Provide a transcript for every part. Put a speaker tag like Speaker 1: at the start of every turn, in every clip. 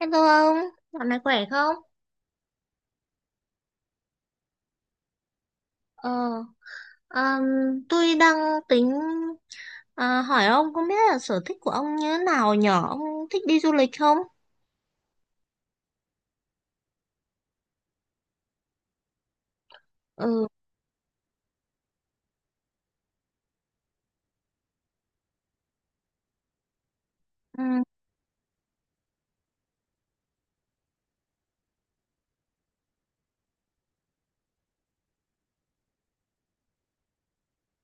Speaker 1: Hello ông, dạo này khỏe không? Ờ, ờm, tôi đang tính hỏi ông không biết là sở thích của ông như thế nào nhở? Ông thích đi du lịch không? Ừ, ừ,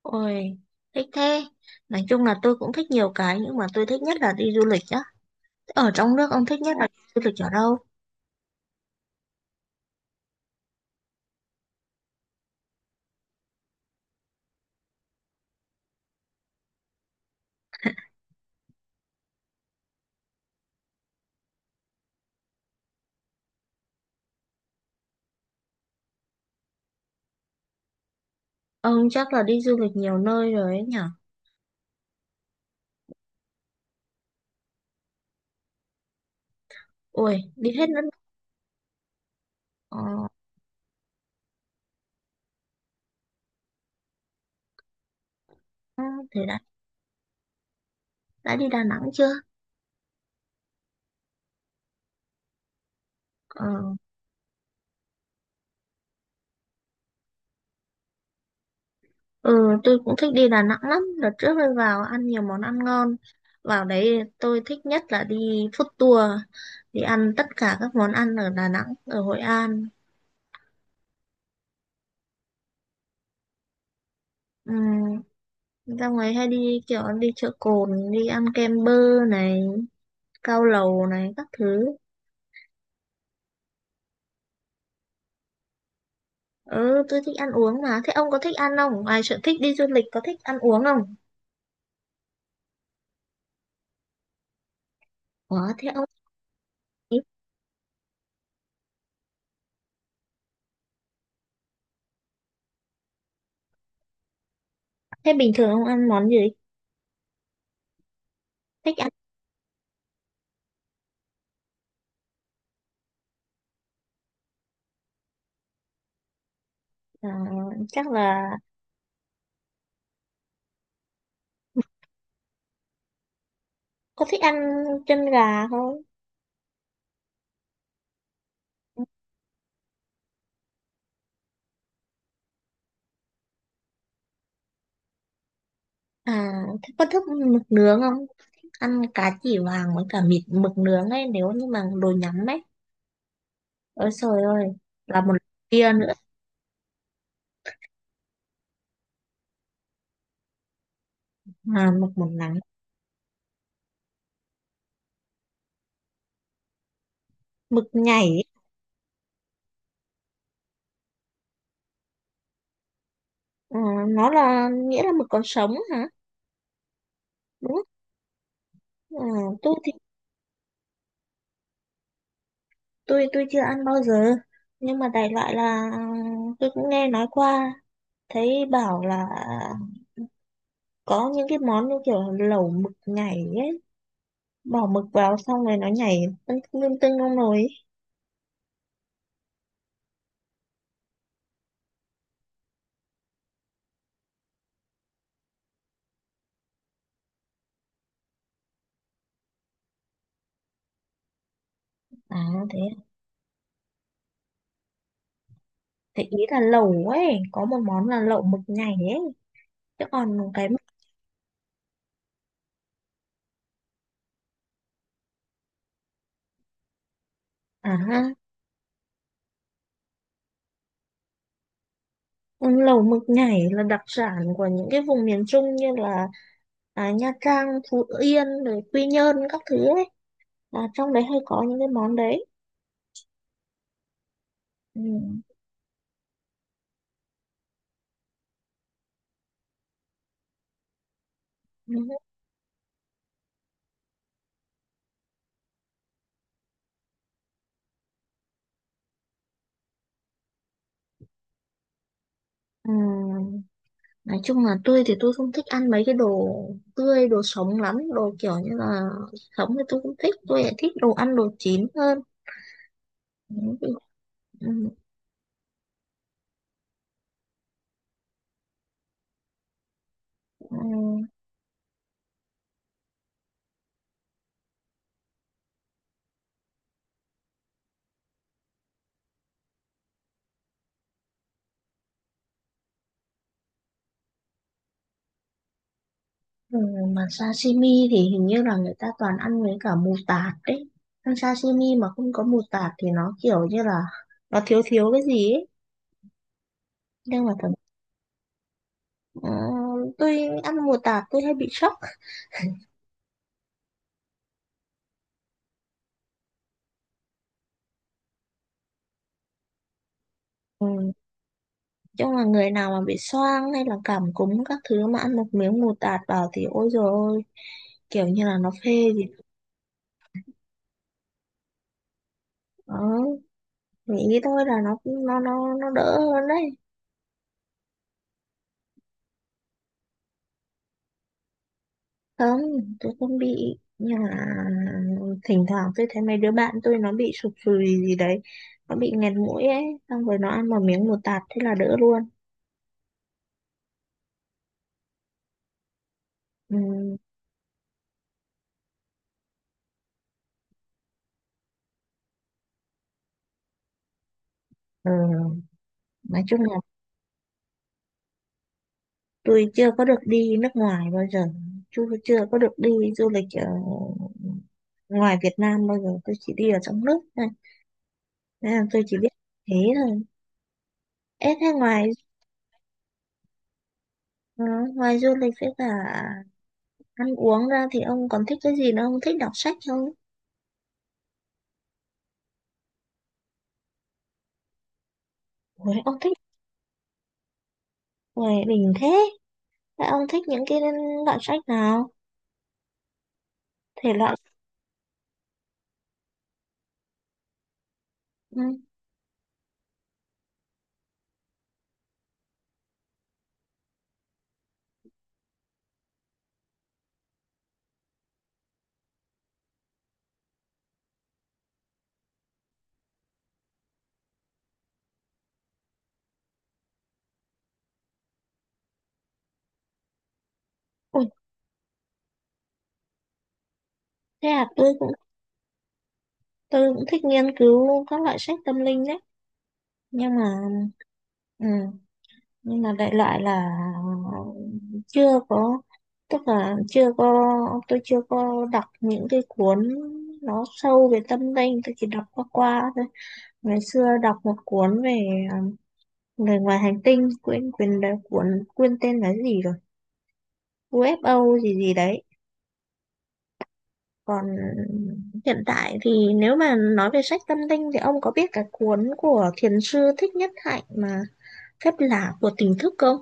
Speaker 1: ôi, thích thế. Nói chung là tôi cũng thích nhiều cái nhưng mà tôi thích nhất là đi du lịch á. Ở trong nước ông thích nhất là đi du lịch ở đâu? Ông chắc là đi du lịch nhiều nơi rồi ấy nhở? Ôi, đi hết đất. Ờ, thế đã, đã đi Đà Nẵng chưa? Ờ. Ừ, tôi cũng thích đi Đà Nẵng lắm. Đợt trước tôi vào ăn nhiều món ăn ngon. Vào đấy tôi thích nhất là đi food tour, đi ăn tất cả các món ăn ở Đà Nẵng, ở Hội An. Ừ, ra ngoài hay đi kiểu đi chợ Cồn, đi ăn kem bơ này, cao lầu này, các thứ. Ừ, tôi thích ăn uống mà. Thế ông có thích ăn không? Ngoài sở thích đi du lịch có thích ăn uống không? Có, thế ông ấy- Thế bình thường ông ăn món gì? Thích ăn à, chắc là có thích ăn chân gà không? Ừ. À, thế có thích mực nướng không? Ăn cá chỉ vàng với cả mịt mực nướng ấy nếu như mà đồ nhắm ấy. Ôi trời ơi, là một kia nữa mà mực một nắng, mực nhảy ấy. Ờ, nó là nghĩa là mực còn sống hả? Đúng không? Ờ, tôi thì tôi chưa ăn bao giờ. Nhưng mà đại loại là tôi cũng nghe nói qua, thấy bảo là có những cái món như kiểu lẩu mực nhảy ấy, bỏ mực vào xong rồi nó nhảy tưng tưng tưng trong nồi ấy. À thế, thế ý là lẩu ấy, có một món là lẩu mực nhảy ấy. Chứ còn cái à ha, ừ, lẩu mực nhảy là đặc sản của những cái vùng miền Trung như là Nha Trang, Phú Yên, rồi Quy Nhơn các thứ ấy. À, trong đấy hay có những cái món đấy. Ừ. Ừ. Ừ, nói chung là tôi thì tôi không thích ăn mấy cái đồ tươi, đồ sống lắm, đồ kiểu như là sống thì tôi không thích, tôi lại thích đồ ăn đồ chín hơn. Ừ. Ừ. Ừ. Ừ, mà sashimi thì hình như là người ta toàn ăn với cả mù tạt đấy. Ăn sashimi mà không có mù tạt thì nó kiểu như là nó thiếu thiếu cái gì ấy. Nhưng mà thật, ờ, tôi ăn mù tạt tôi hay bị sốc. Ừ, chung là người nào mà bị xoang hay là cảm cúm các thứ mà ăn một miếng mù tạt vào thì ôi dồi ôi, kiểu như là nó phê gì. Đó, nghĩ thôi là nó đỡ hơn đấy. Không, tôi không bị nhưng mà thỉnh thoảng tôi thấy mấy đứa bạn tôi nó bị sụt sùi gì đấy, nó bị nghẹt mũi ấy, xong rồi nó ăn một miếng một tạt thế là đỡ luôn. Ừ, ờ, nói chung là tôi chưa có được đi nước ngoài bao giờ, chưa chưa có được đi du lịch ở ngoài Việt Nam bao giờ, tôi chỉ đi ở trong nước thôi nên là tôi chỉ biết thế thôi. Ê thế ngoài ờ, ngoài du lịch với cả ăn uống ra thì ông còn thích cái gì nữa, ông thích đọc sách không? Ủa, ông thích người bình thế. Các ông thích những cái loại sách nào? Thể loại... Ừ. Ui, thế à, tôi cũng thích nghiên cứu các loại sách tâm linh đấy. Nhưng mà... Ừ, nhưng mà đại loại là chưa có... Tức là chưa có... Tôi chưa có đọc những cái cuốn nó sâu về tâm linh. Tôi chỉ đọc qua qua thôi. Ngày xưa đọc một cuốn về um, người ngoài hành tinh. Quên, quên, đấy, cuốn, quên tên là gì rồi? UFO gì gì đấy. Còn hiện tại thì nếu mà nói về sách tâm linh thì ông có biết cái cuốn của thiền sư Thích Nhất Hạnh mà Phép Lạ của Tỉnh Thức không?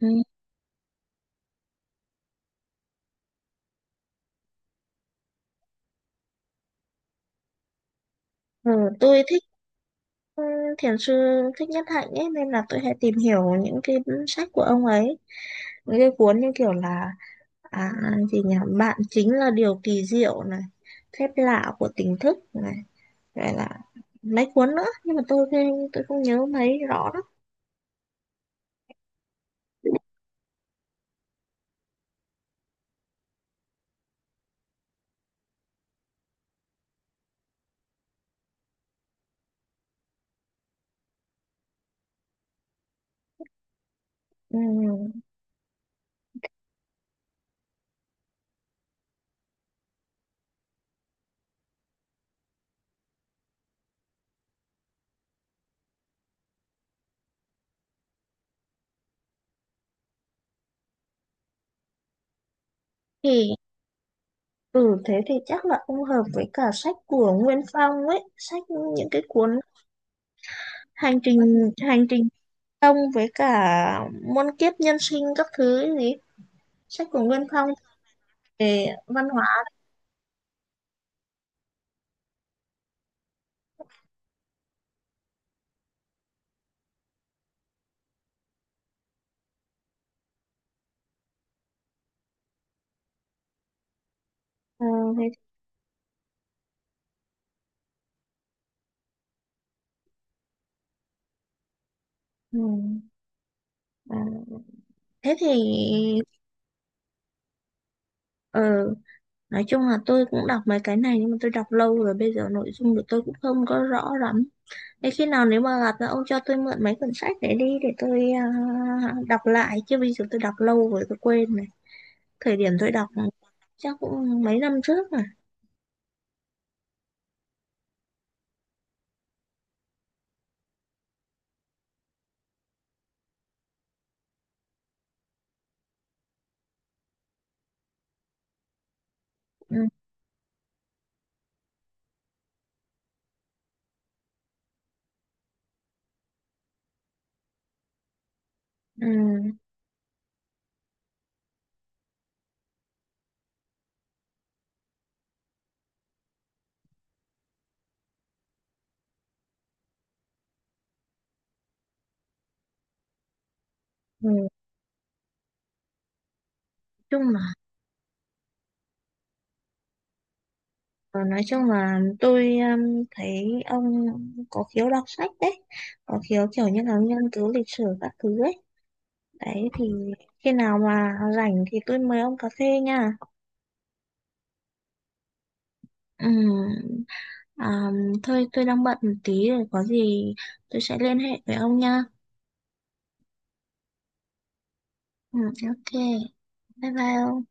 Speaker 1: Ừ. Ừ, tôi thích thiền sư Thích Nhất Hạnh ấy nên là tôi hay tìm hiểu những cái sách của ông ấy. Những cái cuốn như kiểu là à, gì nhỉ? Bạn chính là điều kỳ diệu này, Phép Lạ của Tỉnh Thức này, gọi là mấy cuốn nữa nhưng mà tôi không nhớ mấy rõ lắm. Ừ. Thì ừ, thế thì chắc là không hợp với cả sách của Nguyên Phong ấy, sách những cái cuốn hành trình hành trình công với cả muôn kiếp nhân sinh các thứ ấy gì, sách của Nguyên Phong về văn hóa. Ờ, thế, ừ, ờ, thế thì ờ, nói chung là tôi cũng đọc mấy cái này nhưng mà tôi đọc lâu rồi bây giờ nội dung của tôi cũng không có rõ lắm. Thế khi nào nếu mà gặp là ông cho tôi mượn mấy cuốn sách để đi để tôi đọc lại chứ bây giờ tôi đọc lâu rồi tôi quên rồi. Thời điểm tôi đọc chắc cũng mấy năm trước mà. Ừ, ừ, ừ. Chung là ờ, nói chung là tôi thấy ông có khiếu đọc sách đấy, có khiếu kiểu như là nghiên cứu lịch sử các thứ ấy, đấy thì khi nào mà rảnh thì tôi mời ông cà phê nha. Ừ. à, thôi tôi đang bận một tí rồi, có gì tôi sẽ liên hệ với ông nha. Ừ, ok, bye bye ông.